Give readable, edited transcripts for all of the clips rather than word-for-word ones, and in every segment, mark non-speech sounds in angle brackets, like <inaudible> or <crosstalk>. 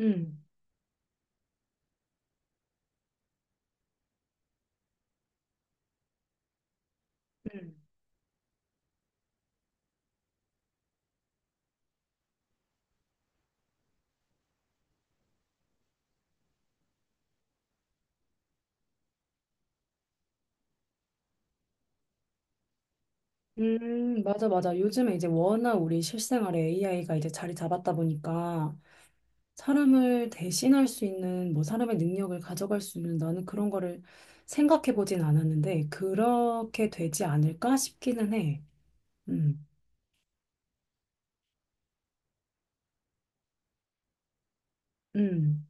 음, 음, 맞아, 맞아. 요즘에 이제 워낙 우리 실생활에 AI가 이제 자리 잡았다 보니까 사람을 대신할 수 있는, 뭐 사람의 능력을 가져갈 수 있는, 나는 그런 거를 생각해 보진 않았는데 그렇게 되지 않을까 싶기는 해. 음, 음,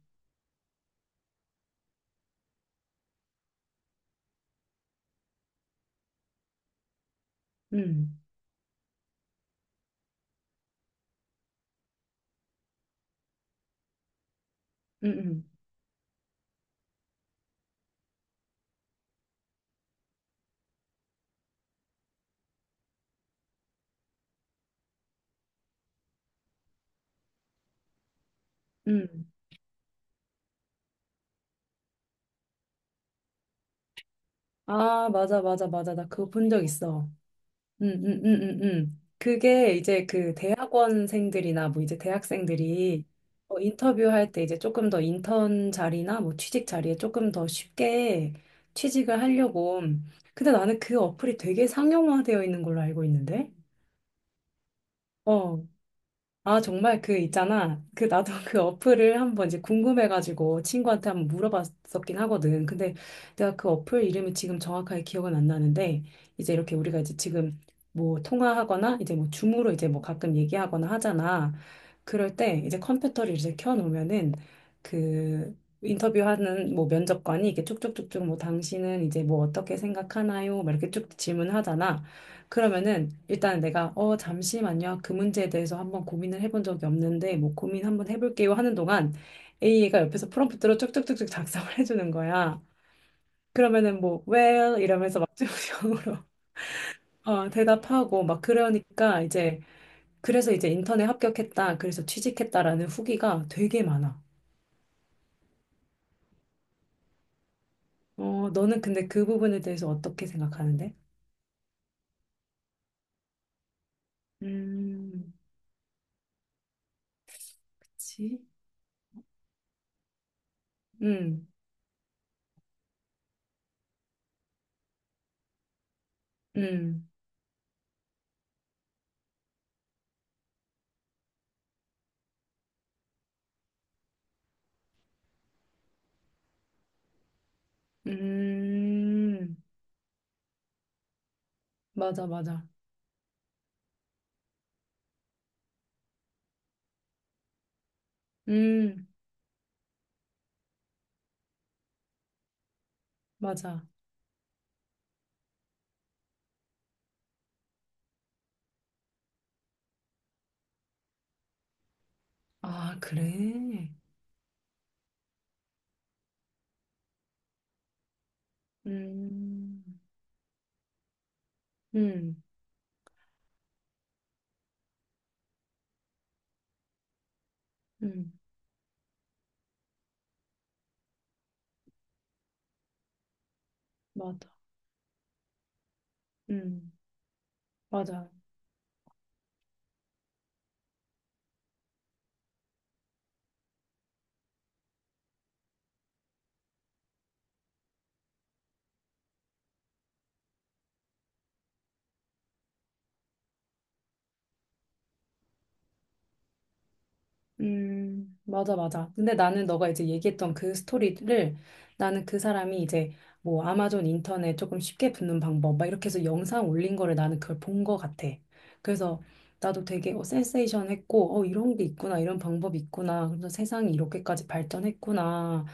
음, 음, 음, 음. 아, 맞아, 맞아, 맞아. 나 그거 본 적 있어. 그게 이제 그 대학원생들이나 뭐 이제 대학생들이 인터뷰할 때 이제 조금 더 인턴 자리나 뭐 취직 자리에 조금 더 쉽게 취직을 하려고. 근데 나는 그 어플이 되게 상용화되어 있는 걸로 알고 있는데? 어. 아, 정말 그 있잖아. 그 나도 <laughs> 그 어플을 한번 이제 궁금해가지고 친구한테 한번 물어봤었긴 하거든. 근데 내가 그 어플 이름이 지금 정확하게 기억은 안 나는데, 이제 이렇게 우리가 이제 지금 뭐 통화하거나 이제 뭐 줌으로 이제 뭐 가끔 얘기하거나 하잖아. 그럴 때 이제 컴퓨터를 이제 켜놓으면은, 그 인터뷰하는 뭐 면접관이 이렇게 쭉쭉쭉쭉, 뭐 당신은 이제 뭐 어떻게 생각하나요? 막 이렇게 쭉 질문하잖아. 그러면은 일단 내가 잠시만요, 그 문제에 대해서 한번 고민을 해본 적이 없는데 뭐 고민 한번 해볼게요 하는 동안 A가 옆에서 프롬프트로 쭉쭉쭉쭉 작성을 <laughs> 해주는 거야. 그러면은 뭐 well 이러면서 막중형으로 <laughs> 대답하고 막. 그러니까 이제 그래서 이제 인턴에 합격했다 그래서 취직했다라는 후기가 되게 많아. 너는 근데 그 부분에 대해서 어떻게 생각하는데? 음, 그치? 음, 음, 음, 맞아, 맞아. 음. 맞아. 아, 그래? 음, 음, 음, 맞아. 음, 맞아. 맞아, 맞아. 근데 나는 너가 이제 얘기했던 그 스토리를, 나는 그 사람이 이제 뭐 아마존 인터넷 조금 쉽게 붙는 방법 막 이렇게 해서 영상 올린 거를, 나는 그걸 본 거 같아. 그래서 나도 되게 센세이션 했고, 이런 게 있구나, 이런 방법이 있구나. 그래서 세상이 이렇게까지 발전했구나.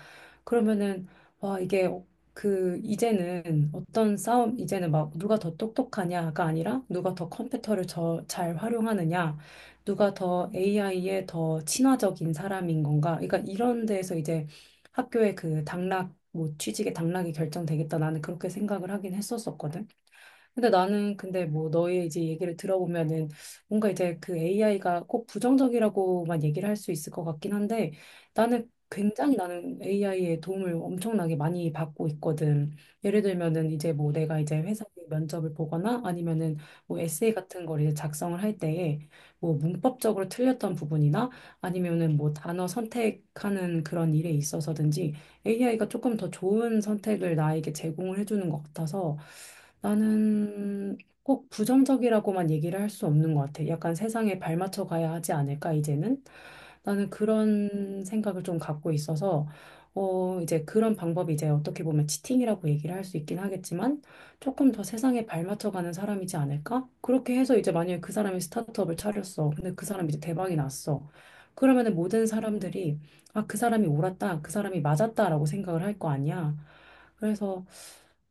그러면은, 와, 이게 그, 이제는 어떤 싸움, 이제는 막 누가 더 똑똑하냐가 아니라 누가 더 컴퓨터를 저, 잘 활용하느냐. 누가 더 AI에 더 친화적인 사람인 건가? 그러니까 이런 데에서 이제 학교의 그 당락, 뭐 취직의 당락이 결정되겠다. 나는 그렇게 생각을 하긴 했었었거든. 근데 나는 근데 뭐 너의 이제 얘기를 들어보면은 뭔가 이제 그 AI가 꼭 부정적이라고만 얘기를 할 수 있을 것 같긴 한데, 나는 굉장히, 나는 AI의 도움을 엄청나게 많이 받고 있거든. 예를 들면은 이제 뭐 내가 이제 회사에 면접을 보거나, 아니면은 뭐 에세이 같은 걸 이제 작성을 할 때에 뭐 문법적으로 틀렸던 부분이나, 아니면은 뭐 단어 선택하는 그런 일에 있어서든지 AI가 조금 더 좋은 선택을 나에게 제공을 해주는 것 같아서, 나는 꼭 부정적이라고만 얘기를 할 수 없는 것 같아. 약간 세상에 발맞춰 가야 하지 않을까, 이제는? 나는 그런 생각을 좀 갖고 있어서, 이제 그런 방법이 이제 어떻게 보면 치팅이라고 얘기를 할 수 있긴 하겠지만, 조금 더 세상에 발맞춰 가는 사람이지 않을까? 그렇게 해서 이제 만약에 그 사람이 스타트업을 차렸어. 근데 그 사람이 이제 대박이 났어. 그러면은 모든 사람들이 아, 그 사람이 옳았다, 그 사람이 맞았다라고 생각을 할 거 아니야. 그래서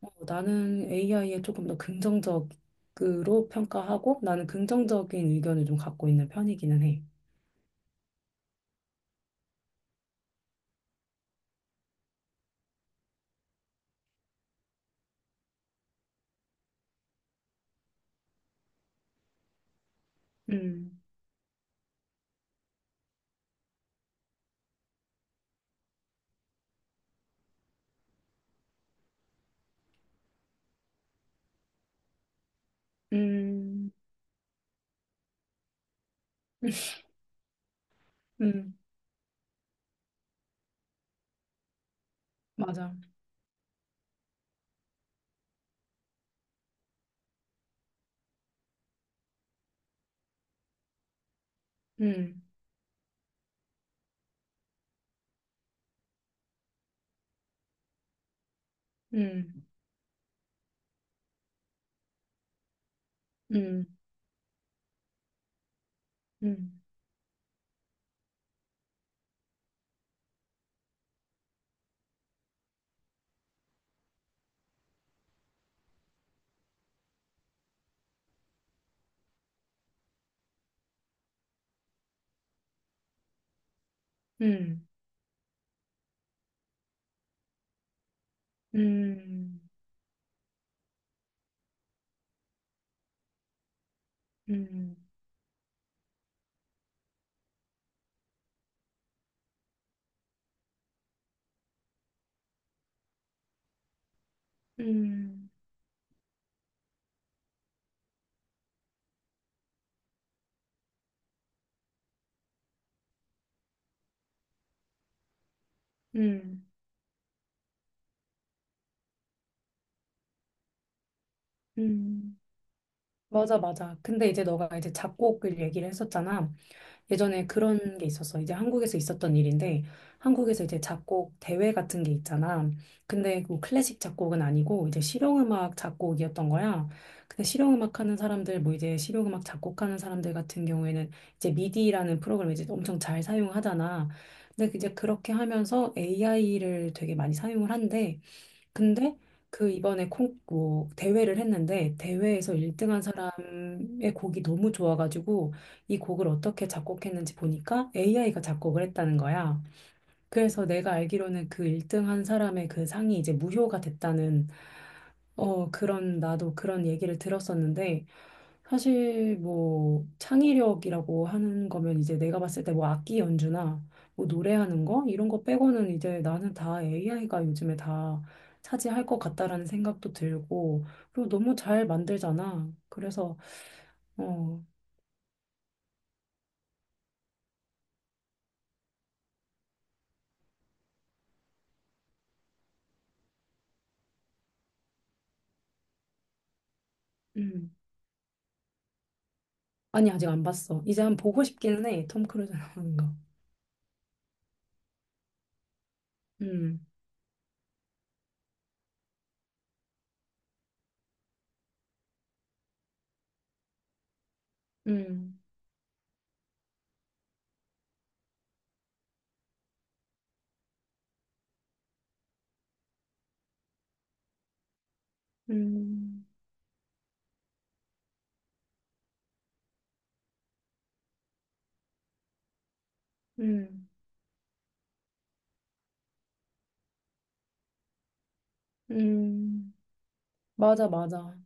나는 AI에 조금 더 긍정적으로 평가하고, 나는 긍정적인 의견을 좀 갖고 있는 편이기는 해. 음, 음, 음, 맞아. 음, 음, 음, 음, 음, 음, 음, 음, 음, 음. 맞아, 맞아. 근데 이제 너가 이제 작곡을 얘기를 했었잖아. 예전에 그런 게 있었어. 이제 한국에서 있었던 일인데, 한국에서 이제 작곡 대회 같은 게 있잖아. 근데 그 클래식 작곡은 아니고, 이제 실용음악 작곡이었던 거야. 근데 실용음악 하는 사람들, 뭐 이제 실용음악 작곡하는 사람들 같은 경우에는 이제 미디라는 프로그램을 이제 엄청 잘 사용하잖아. 근데 이제 그렇게 하면서 AI를 되게 많이 사용을 한대. 근데 그 이번에 콩, 뭐 대회를 했는데, 대회에서 1등한 사람의 곡이 너무 좋아가지고 이 곡을 어떻게 작곡했는지 보니까 AI가 작곡을 했다는 거야. 그래서 내가 알기로는 그 1등한 사람의 그 상이 이제 무효가 됐다는, 어, 그런, 나도 그런 얘기를 들었었는데, 사실 뭐 창의력이라고 하는 거면 이제 내가 봤을 때 뭐 악기 연주나 뭐 노래하는 거 이런 거 빼고는 이제 나는 다 AI가 요즘에 다 차지할 것 같다라는 생각도 들고, 그리고 너무 잘 만들잖아. 그래서, 어, 음. 아니, 아직 안 봤어. 이제 한 번 보고 싶기는 해. 톰 크루즈 나오는 거. 음, 음, 음, 음, 음. 맞아, 맞아.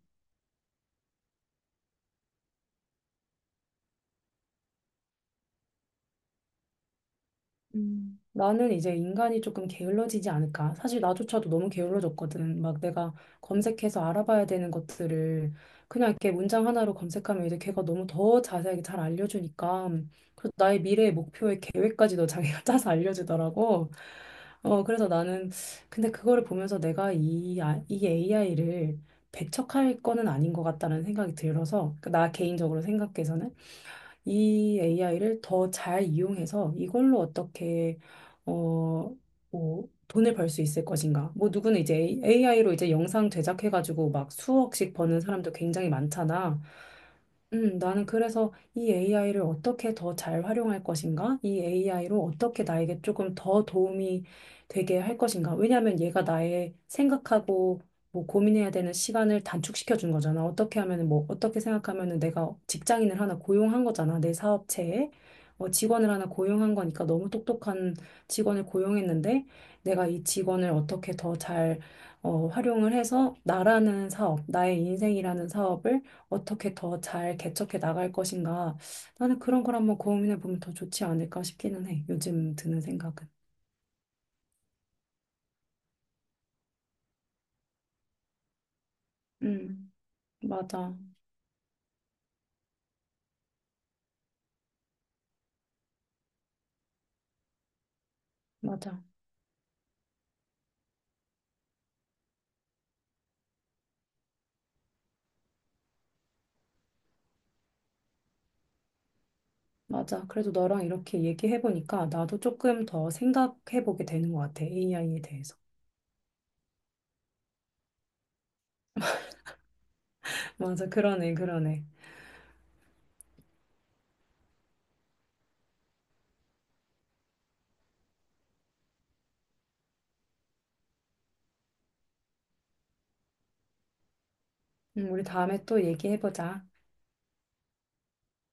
음. 나는 이제 인간이 조금 게을러지지 않을까? 사실 나조차도 너무 게을러졌거든. 막 내가 검색해서 알아봐야 되는 것들을 그냥 이렇게 문장 하나로 검색하면 이제 걔가 너무 더 자세하게 잘 알려주니까. 그래서 나의 미래의 목표의 계획까지도 자기가 <laughs> 짜서 알려주더라고. 그래서 나는, 근데 그거를 보면서 내가 이, 아- 이 AI를 배척할 거는 아닌 것 같다는 생각이 들어서, 그나 개인적으로 생각해서는 이 AI를 더 잘 이용해서 이걸로 어떻게, 어, 뭐 돈을 벌 수 있을 것인가? 뭐 누구는 이제 AI로 이제 영상 제작해가지고 막 수억씩 버는 사람도 굉장히 많잖아. 나는 그래서 이 AI를 어떻게 더 잘 활용할 것인가? 이 AI로 어떻게 나에게 조금 더 도움이 되게 할 것인가? 왜냐하면 얘가 나의 생각하고 뭐 고민해야 되는 시간을 단축시켜 준 거잖아. 어떻게 하면은 뭐 어떻게 생각하면은 내가 직장인을 하나 고용한 거잖아. 내 사업체에 직원을 하나 고용한 거니까. 너무 똑똑한 직원을 고용했는데, 내가 이 직원을 어떻게 더잘 활용을 해서 나라는 사업, 나의 인생이라는 사업을 어떻게 더 잘 개척해 나갈 것인가. 나는 그런 걸 한번 고민해 보면 더 좋지 않을까 싶기는 해. 요즘 드는 생각은. 음, 맞아, 맞아, 맞아. 그래도 너랑 이렇게 얘기해 보니까 나도 조금 더 생각해 보게 되는 것 같아. AI에 대해서. <laughs> 맞아, 그러네, 그러네. 우리 다음에 또 얘기해 보자.